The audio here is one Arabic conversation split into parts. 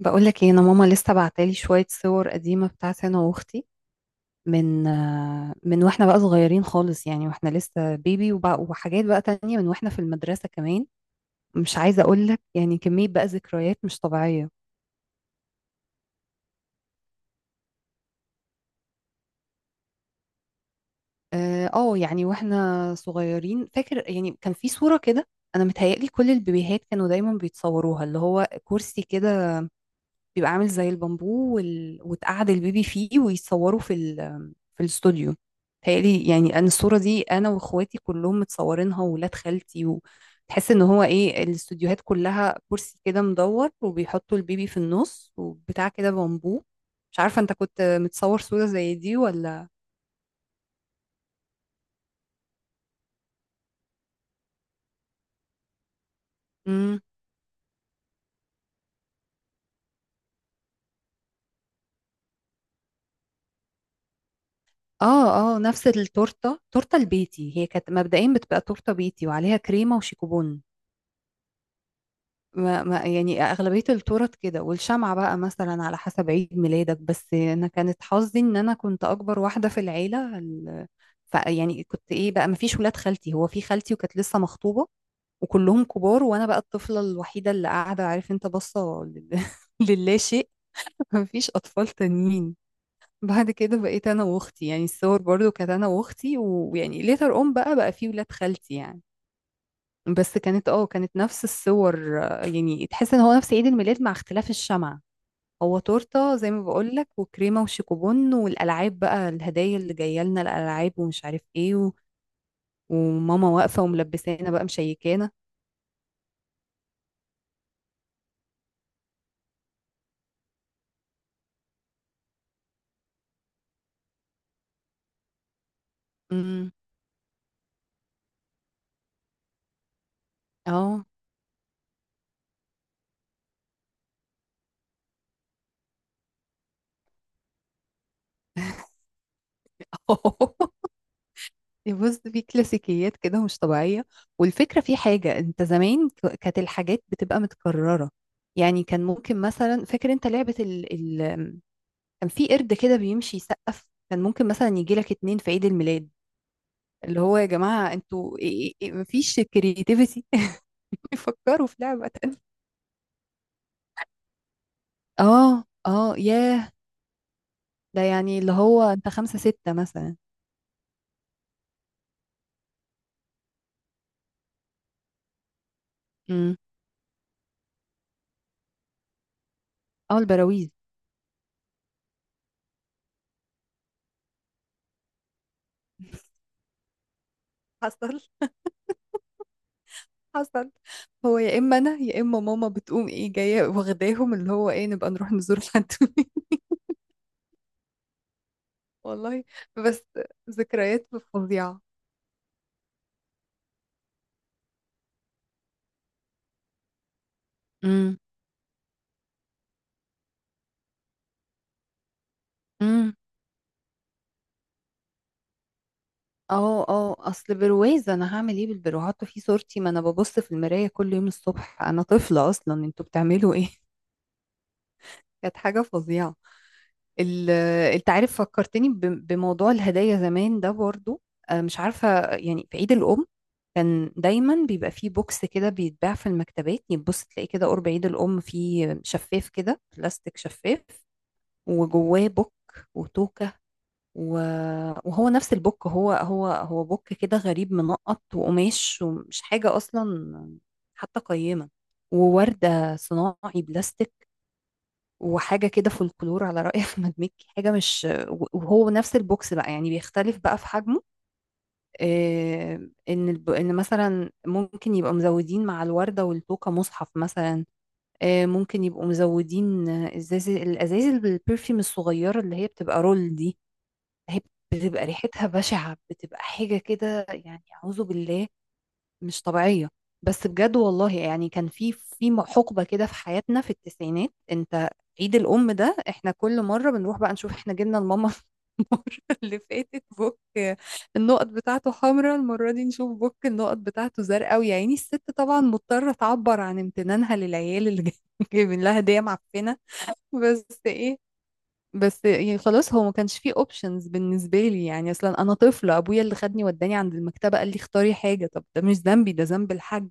بقولك ايه، انا ماما لسه بعتالي شوية صور قديمة بتاعتي انا واختي، من من واحنا بقى صغيرين خالص. يعني واحنا لسه بيبي وبقى وحاجات بقى تانية، من واحنا في المدرسة كمان. مش عايزة اقولك يعني كمية بقى ذكريات مش طبيعية. يعني واحنا صغيرين، فاكر يعني كان في صورة كده. انا متهيألي كل البيبيهات كانوا دايما بيتصوروها، اللي هو كرسي كده بيبقى عامل زي البامبو وتقعد البيبي فيه، ويتصوروا في في الاستوديو. تهيألي يعني انا الصورة دي انا واخواتي كلهم متصورينها وولاد خالتي، وتحس ان هو ايه، الاستوديوهات كلها كرسي كده مدور وبيحطوا البيبي في النص وبتاع كده بامبو. مش عارفة انت كنت متصور صورة زي دي ولا. امم. اه اه، نفس التورتة، تورتة البيتي. هي كانت مبدئيا بتبقى تورتة بيتي وعليها كريمة وشيكوبون. ما يعني أغلبية التورت كده، والشمعة بقى مثلا على حسب عيد ميلادك. بس أنا كانت حظي إن أنا كنت أكبر واحدة في العيلة ف يعني كنت إيه بقى، مفيش ولاد خالتي، هو في خالتي وكانت لسه مخطوبة وكلهم كبار، وأنا بقى الطفلة الوحيدة اللي قاعدة، عارف أنت، باصة للا شيء. مفيش أطفال تانيين. بعد كده بقيت أنا وأختي، يعني الصور برضو كانت أنا وأختي، ويعني ليتر أون بقى في ولاد خالتي يعني. بس كانت اه كانت نفس الصور. يعني تحس ان هو نفس عيد الميلاد مع اختلاف الشمعة. هو تورتة زي ما بقولك، وكريمة وشيكوبون، والألعاب بقى، الهدايا اللي جاية لنا، الألعاب ومش عارف ايه وماما واقفة وملبسانا بقى مشيكانا. امم. اه. بص، في كلاسيكيات كده مش طبيعية. والفكرة في حاجة، انت زمان كانت الحاجات بتبقى متكررة. يعني كان ممكن مثلا، فاكر انت لعبة، كان في قرد كده بيمشي يسقف، كان ممكن مثلا يجي لك اتنين في عيد الميلاد. اللي هو يا جماعة انتوا إيه إيه إيه، مفيش كرياتيفيتي يفكروا في لعبة تانية. اه اه، ياه. ده يعني اللي هو انت خمسة ستة مثلا. امم. اه، البراويز. حصل، حصل. هو يا اما انا يا اما ماما بتقوم ايه جايه واخداهم، اللي هو ايه، نبقى نروح نزور حد. والله. بس ذكريات فظيعه. امم. اه اه، اصل برواز انا هعمل ايه بالبرو، حاطه فيه صورتي، ما انا ببص في المرايه كل يوم الصبح، انا طفله اصلا، انتوا بتعملوا ايه؟ كانت حاجه فظيعه. ال- انت عارف فكرتني بموضوع الهدايا زمان ده برضو. مش عارفه، يعني في عيد الام كان دايما بيبقى فيه بوكس كده بيتباع في المكتبات، يتبص تلاقيه كده قرب عيد الام، فيه شفاف كده، بلاستيك شفاف، وجواه بوك، وتوكه و- وهو نفس البوك. هو بوك كده غريب، منقط وقماش ومش حاجة أصلا حتى قيمة. ووردة صناعي، بلاستيك، وحاجة كده فولكلور على رأي أحمد مكي، حاجة مش. وهو نفس البوكس بقى، يعني بيختلف بقى في حجمه. إن إن مثلا ممكن يبقى مزودين مع الوردة والتوكة مصحف مثلا. ممكن يبقوا مزودين إزاز، الأزايز البرفيوم الصغيرة اللي هي بتبقى رول دي. هي بتبقى ريحتها بشعة، بتبقى حاجة كده يعني أعوذ بالله، مش طبيعية. بس بجد والله، يعني كان في في حقبة كده في حياتنا في التسعينات. انت عيد الأم ده احنا كل مرة بنروح بقى نشوف احنا جبنا لماما المرة اللي فاتت بوك النقط بتاعته حمراء، المرة دي نشوف بوك النقط بتاعته زرقاء. ويا عيني الست طبعا مضطرة تعبر عن امتنانها للعيال اللي جايبين لها هدية معفنة. بس ايه، بس يعني خلاص، هو ما كانش فيه اوبشنز بالنسبه لي، يعني اصلا انا طفله، ابويا اللي خدني وداني عند المكتبه قال لي اختاري حاجه، طب ده مش ذنبي، ده ذنب الحاج.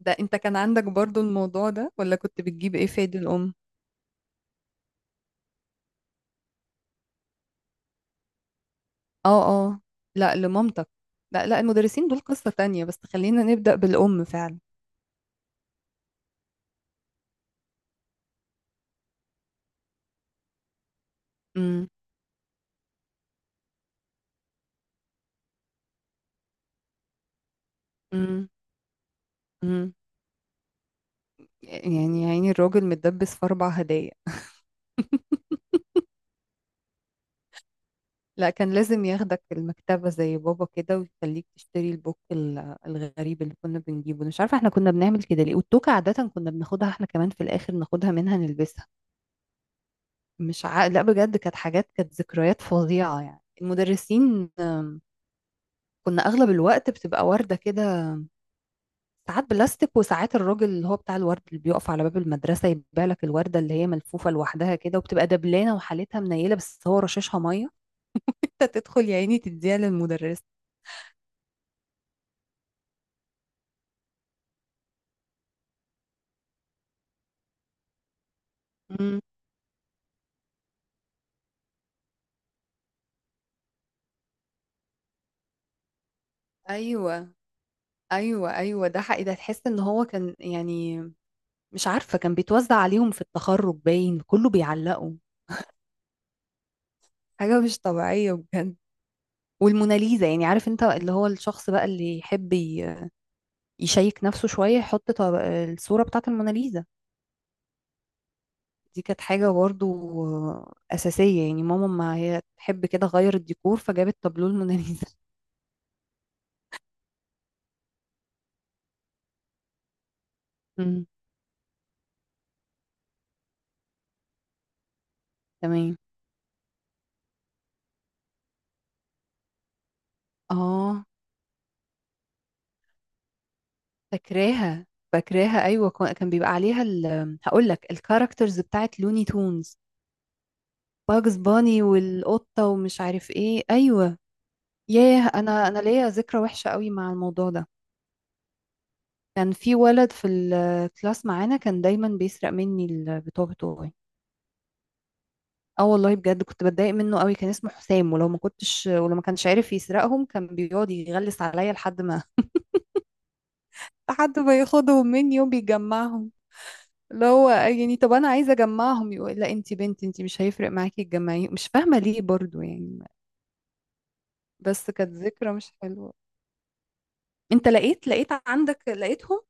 ده انت كان عندك برضو الموضوع ده ولا، كنت بتجيب ايه في عيد الام؟ اه اه، لا لمامتك. لا لا، المدرسين دول قصه تانية، بس خلينا نبدا بالام فعلا. امم. امم. امم. يعني يا عيني الراجل متدبس في اربع هدايا. لا كان لازم ياخدك المكتبة زي بابا كده ويخليك تشتري البوك الغريب اللي كنا بنجيبه. أنا مش عارفة احنا كنا بنعمل كده ليه. والتوكة عادة كنا بناخدها احنا كمان في الآخر، ناخدها منها نلبسها. مش ع... لا بجد كانت حاجات، كانت ذكريات فظيعة. يعني المدرسين كنا أغلب الوقت بتبقى وردة كده، ساعات بلاستيك وساعات الراجل اللي هو بتاع الورد اللي بيقف على باب المدرسة، يبيع لك الوردة اللي هي ملفوفة لوحدها كده وبتبقى دبلانة وحالتها منيلة بس هو رشاشها مية. انت تدخل يا عيني تديها للمدرس. مم. ايوه ايوه ايوه، ده حقيقي، ده تحس ان هو كان يعني، مش عارفه كان بيتوزع عليهم في التخرج باين، كله بيعلقوا. حاجه مش طبيعيه بجد. والموناليزا، يعني عارف انت اللي هو الشخص بقى اللي يحب يشيك نفسه شويه يحط الصوره بتاعت الموناليزا. دي كانت حاجه برضو اساسيه، يعني ماما ما هي تحب كده غير الديكور فجابت تابلو الموناليزا. امم. تمام. اه، فاكراها، فاكراها، ايوه كان بيبقى عليها هقول لك الكاركترز بتاعت لوني تونز. باجز باني والقطة ومش عارف ايه، ايوه. ياه، انا ليا ذكرى وحشة قوي مع الموضوع ده. كان في ولد في الكلاس معانا كان دايما بيسرق مني البطاقة بتوعي. اه والله بجد كنت بتضايق منه قوي، كان اسمه حسام، ولو ما كنتش، ولو ما كانش عارف يسرقهم كان بيقعد يغلس عليا لحد ما لحد ما ياخدهم مني وبيجمعهم. اللي هو يعني طب انا عايزه اجمعهم، يقول لا انتي بنت، انتي مش هيفرق معاكي تجمعيهم. مش فاهمه ليه برضو يعني. بس كانت ذكرى مش حلوه. انت لقيت، عندك لقيتهم؟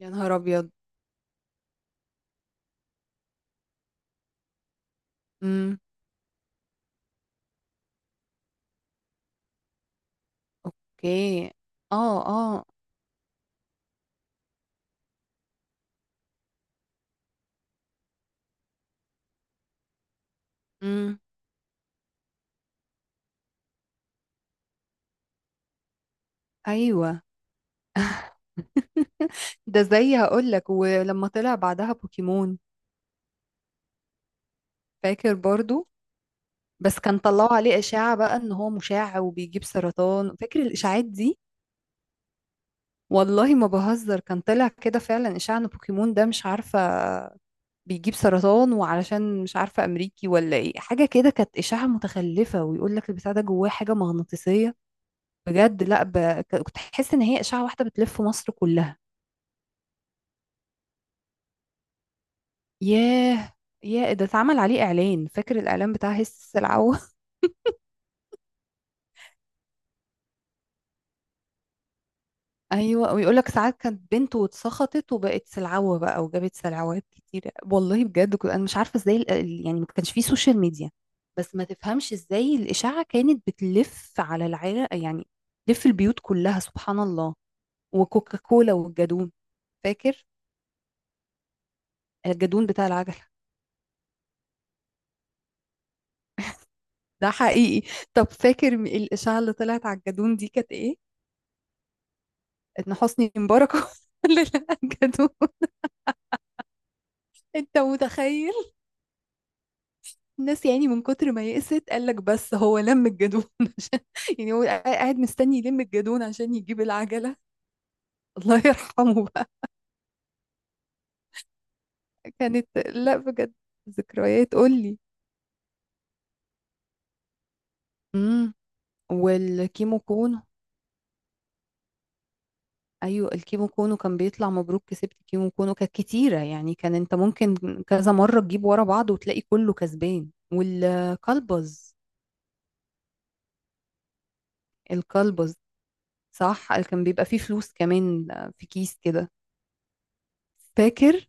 يا نهار ابيض. امم. اوكي. اه اه. امم. ايوه. ده زي هقول لك، ولما طلع بعدها بوكيمون، فاكر برضو؟ بس كان طلعوا عليه اشاعة بقى ان هو مشع وبيجيب سرطان، فاكر الاشاعات دي؟ والله ما بهزر، كان طلع كده فعلا اشاعة ان بوكيمون ده مش عارفة بيجيب سرطان، وعلشان مش عارفة امريكي ولا ايه حاجة كده، كانت اشاعة متخلفة ويقول لك البتاع ده جواه حاجة مغناطيسية. بجد لا كنت حاسه ان هي اشاعه واحده بتلف مصر كلها. ياه، يا ده اتعمل عليه اعلان، فاكر الاعلان بتاع هس السلعوه؟ ايوه، ويقول لك ساعات كانت بنت واتسخطت وبقت سلعوه بقى وجابت سلعوات كتير. والله بجد كنت انا مش عارفه ازاي يعني ما كانش فيه سوشيال ميديا، بس ما تفهمش ازاي الاشاعه كانت بتلف على العيله يعني، تلف البيوت كلها سبحان الله. وكوكاكولا والجدون، فاكر؟ الجدون بتاع العجل، ده حقيقي. طب فاكر الإشاعة اللي طلعت على الجدون دي كانت إيه؟ إن حسني مبارك هو اللي لقى الجدون. أنت متخيل؟ الناس يعني من كتر ما يئست قال لك بس هو لم الجدون عشان، يعني هو قاعد مستني يلم الجدون عشان يجيب العجلة. الله يرحمه بقى. كانت، لا بجد ذكريات، قول لي. امم. والكيمو. ايوه الكيمو كونو، كان بيطلع مبروك كسبت كيمو كونو، كانت كتيره يعني، كان انت ممكن كذا مره تجيب ورا بعض وتلاقي كله كسبان. والكلبز. الكلبز، صح، كان بيبقى فيه فلوس كمان في كيس كده، فاكر؟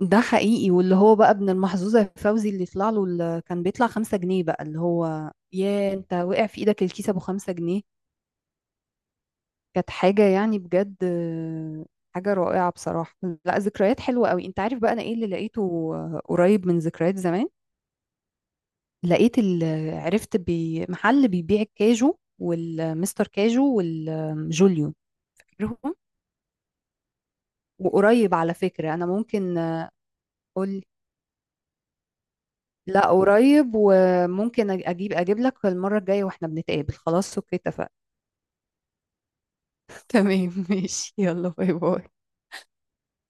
ده حقيقي، واللي هو بقى ابن المحظوظه فوزي اللي يطلع له كان بيطلع 5 جنيه بقى، اللي هو يا انت وقع في ايدك الكيس ابو 5 جنيه. كانت حاجة يعني بجد حاجة رائعة بصراحة. لا ذكريات حلوة قوي. انت عارف بقى انا ايه اللي لقيته قريب من ذكريات زمان؟ لقيت عرفت محل بيبيع الكاجو والمستر كاجو والجوليو، فاكرهم؟ وقريب على فكرة، انا ممكن اقول، لا قريب، وممكن اجيب، لك المرة الجاية واحنا بنتقابل. خلاص اوكي، اتفقنا. تمام ماشي، يلا باي باي.